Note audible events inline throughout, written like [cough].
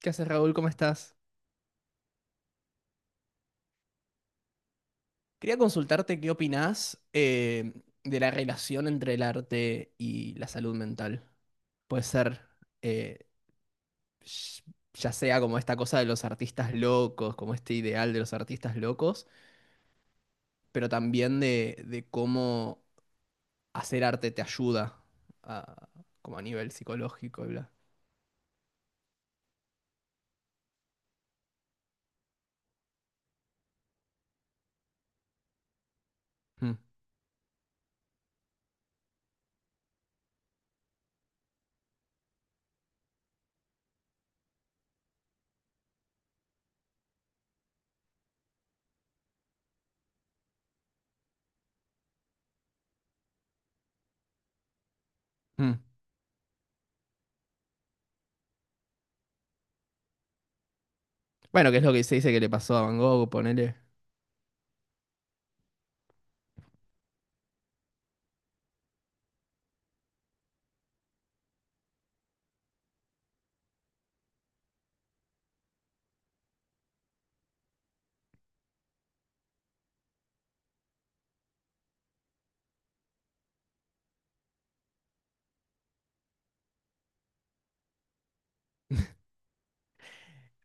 ¿Qué haces, Raúl? ¿Cómo estás? Quería consultarte qué opinás de la relación entre el arte y la salud mental. Puede ser, eh, sh- ya sea como esta cosa de los artistas locos, como este ideal de los artistas locos, pero también de cómo hacer arte te ayuda a, como a nivel psicológico y bla. Mm, mm. Bueno, que es lo que se dice que le pasó a Van Gogh, ponele.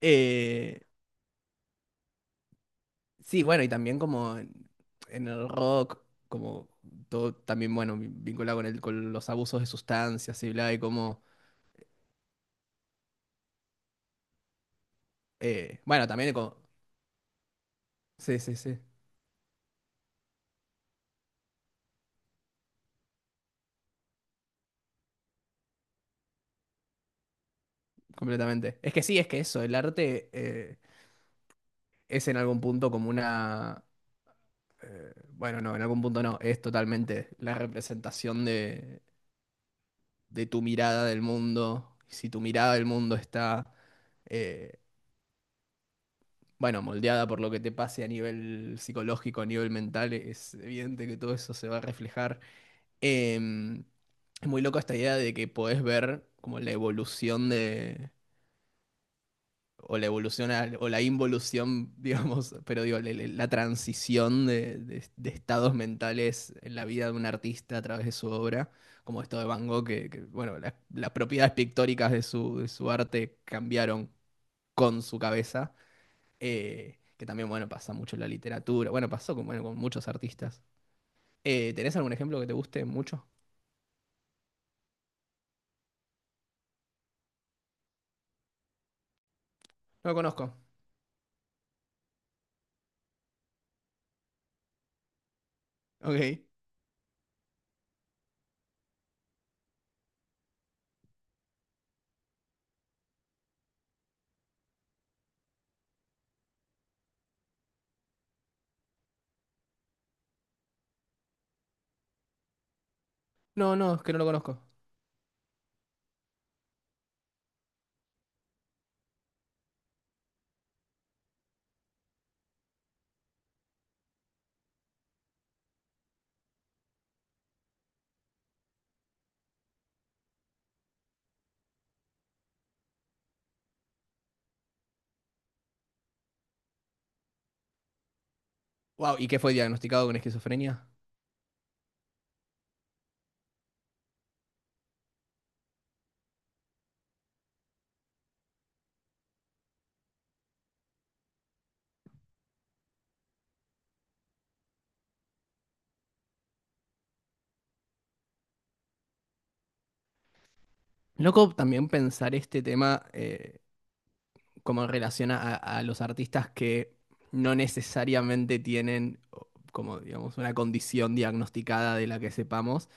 Eh, Sí, bueno, y también como en el rock, como todo también, bueno, vinculado con los abusos de sustancias y bla, bueno, también como, sí, sí, sí, completamente. Es que sí, es que eso, el arte es en algún punto como una, bueno, no, en algún punto no, es totalmente la representación de tu mirada del mundo. Si tu mirada del mundo está eh, bueno, moldeada por lo que te pase a nivel psicológico, a nivel mental, es evidente que todo eso se va a reflejar. Em, es muy loco esta idea de que podés ver como la evolución de, o la evolución o la involución, [laughs] digamos, pero digo, la transición de estados mentales en la vida de un artista a través de su obra, como esto de Van Gogh, bueno, las propiedades pictóricas de de su arte cambiaron con su cabeza que también, bueno, pasa mucho en la literatura. Bueno, pasó con muchos artistas. ¿Tenés algún ejemplo que te guste mucho? No lo conozco. Ok. No, no, es que no lo conozco. Wow, ¿y qué fue diagnosticado con esquizofrenia? Loco también pensar este tema como en relación a los artistas que no necesariamente tienen o, como, digamos, una condición diagnosticada de la que sepamos,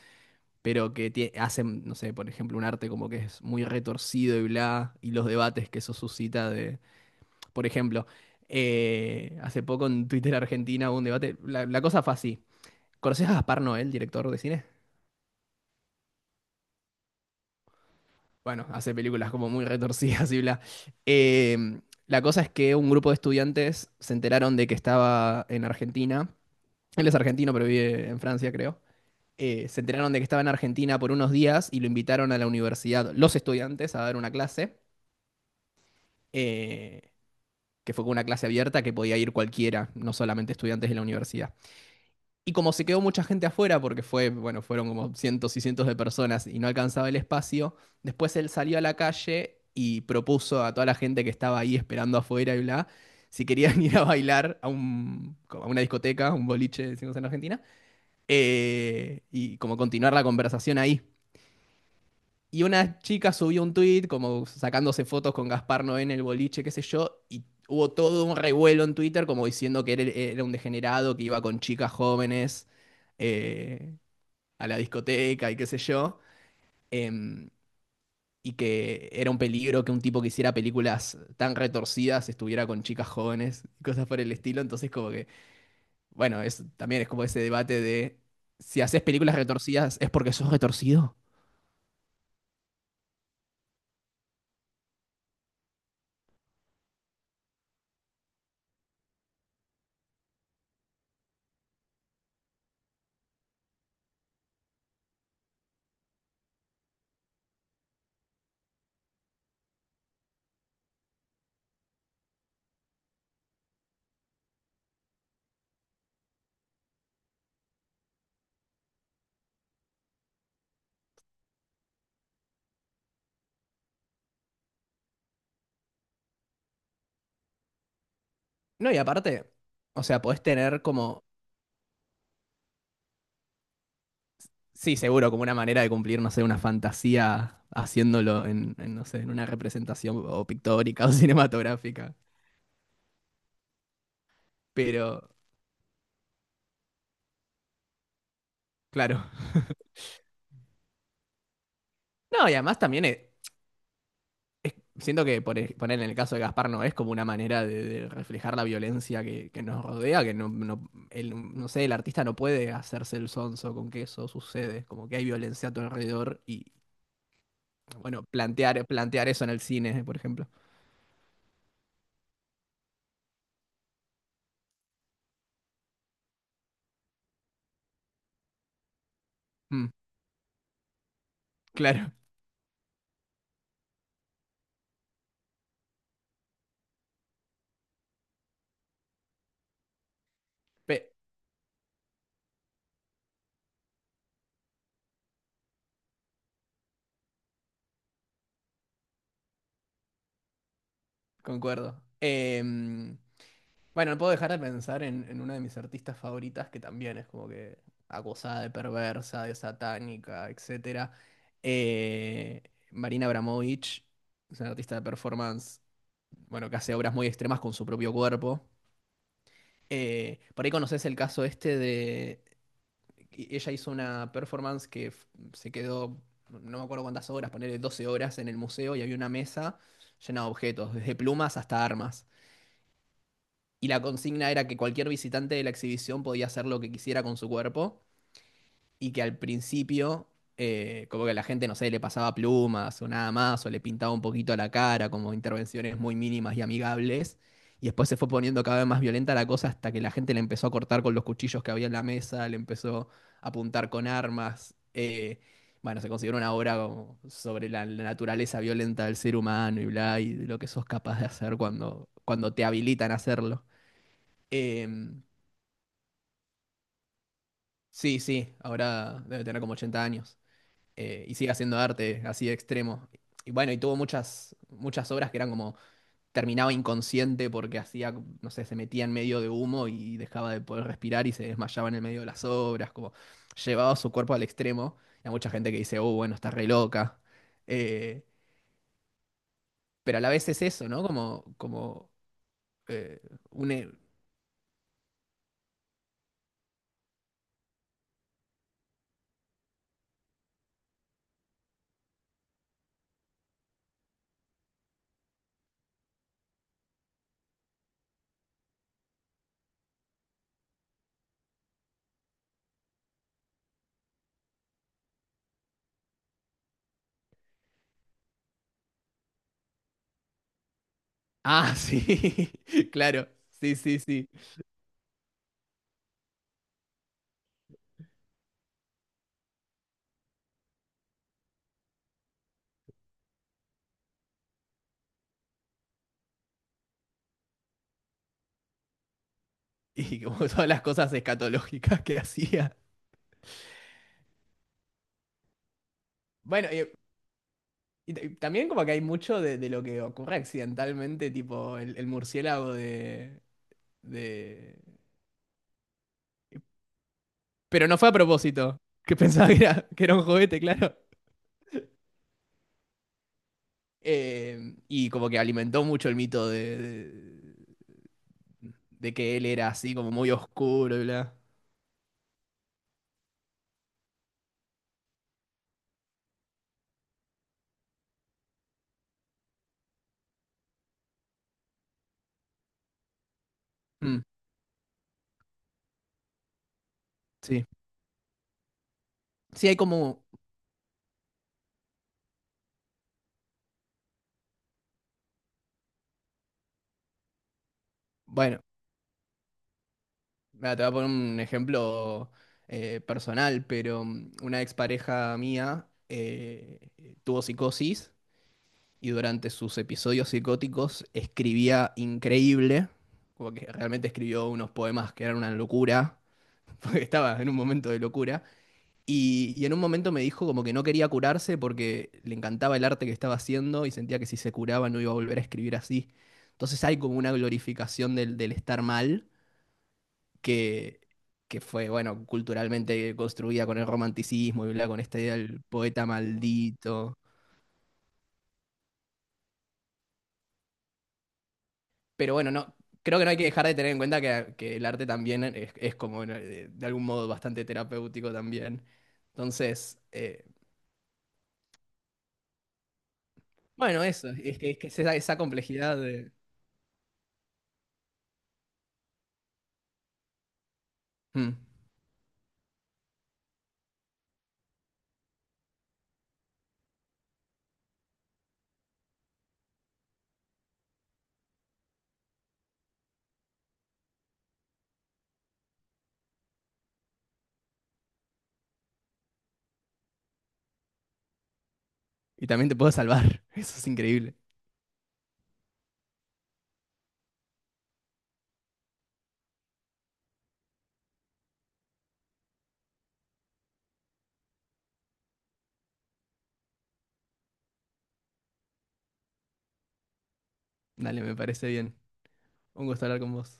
pero que hacen, no sé, por ejemplo, un arte como que es muy retorcido y bla, y los debates que eso suscita de Por ejemplo, hace poco en Twitter Argentina hubo un debate. La cosa fue así. ¿Conoces a Gaspar Noé, director de cine? Bueno, hace películas como muy retorcidas y bla. Eh, la cosa es que un grupo de estudiantes se enteraron de que estaba en Argentina. Él es argentino, pero vive en Francia, creo. Se enteraron de que estaba en Argentina por unos días y lo invitaron a la universidad, los estudiantes, a dar una clase, eh, que fue con una clase abierta que podía ir cualquiera, no solamente estudiantes de la universidad. Y como se quedó mucha gente afuera, porque fue, bueno, fueron como cientos y cientos de personas y no alcanzaba el espacio, después él salió a la calle y propuso a toda la gente que estaba ahí esperando afuera y bla, si querían [laughs] ir a bailar a una discoteca, un boliche, decimos en Argentina, y como continuar la conversación ahí. Y una chica subió un tweet como sacándose fotos con Gaspar Noé en el boliche, qué sé yo, y hubo todo un revuelo en Twitter como diciendo que era un degenerado, que iba con chicas jóvenes eh, a la discoteca y qué sé yo, em, y que era un peligro que un tipo que hiciera películas tan retorcidas estuviera con chicas jóvenes, cosas por el estilo. Entonces como que, bueno, es, también es como ese debate de si haces películas retorcidas es porque sos retorcido. No, y aparte, o sea, podés tener como, sí, seguro, como una manera de cumplir, no sé, una fantasía haciéndolo no sé, en una representación o pictórica o [laughs] cinematográfica. Pero, claro. No, y además también Siento que por poner en el caso de Gaspar no es como una manera de reflejar la violencia que nos rodea, que no, no, el, no sé, el artista no puede hacerse el sonso con que eso sucede, como que hay violencia a tu alrededor y, bueno, plantear eso en el cine, por ejemplo. Mm, claro, [laughs] Pe- concuerdo. Bueno, no puedo dejar de pensar en una de mis artistas favoritas que también es como que acosada de perversa, de satánica, etcétera. Eh, Marina Abramovich, es una artista de performance, bueno, que hace obras muy extremas con su propio cuerpo. Por ahí conoces el caso este de Ella hizo una performance que se quedó, no me acuerdo cuántas horas, ponerle 12 horas en el museo y había una mesa llena de objetos, desde plumas hasta armas. Y la consigna era que cualquier visitante de la exhibición podía hacer lo que quisiera con su cuerpo y que al principio, como que la gente, no sé, le pasaba plumas o nada más, o le pintaba un poquito la cara, como intervenciones muy mínimas y amigables. Y después se fue poniendo cada vez más violenta la cosa hasta que la gente le empezó a cortar con los cuchillos que había en la mesa, le empezó a apuntar con armas. Bueno, se consideró una obra como sobre la naturaleza violenta del ser humano y bla, y de lo que sos capaz de hacer cuando te habilitan a hacerlo. Em, sí, sí, ahora debe tener como 80 años y sigue haciendo arte así de extremo. Y bueno, y tuvo muchas, muchas obras que eran como terminaba inconsciente porque hacía, no sé, se metía en medio de humo y dejaba de poder respirar y se desmayaba en el medio de las obras, como llevaba su cuerpo al extremo. Y hay mucha gente que dice, oh, bueno, está re loca. Eh, pero a la vez es eso, ¿no? Como, como eh, un... Ah, [laughs] sí, claro, sí, sí, sí. Y como [laughs] todas las cosas escatológicas que hacía. Bueno, y también como que hay mucho de lo que ocurre accidentalmente, tipo el murciélago de. Pero no fue a propósito, que era un juguete, claro. Y como que alimentó mucho el mito de que él era así como muy oscuro y bla. Mm, sí. Sí, hay como... Bueno, mira, te voy a poner un ejemplo personal, pero una expareja mía tuvo psicosis y durante sus episodios psicóticos escribía increíble, como que realmente escribió unos poemas que eran una locura, [laughs] porque estaba en un momento de locura, y en un momento me dijo como que no quería curarse porque le encantaba el arte que estaba haciendo y sentía que si se curaba no iba a volver a escribir así. Entonces hay como una glorificación del del estar mal que, que fue, bueno, culturalmente construida con el romanticismo y bla, con esta idea del poeta maldito. Pero bueno, no, creo que no hay que dejar de tener en cuenta que el arte también es como ¿no? de algún modo bastante terapéutico también. Entonces, bueno, eso, es que, es que es esa, esa complejidad de... Mm. Y también te puedo salvar, [laughs] eso es increíble. Dale, me parece bien. Un gusto hablar con vos.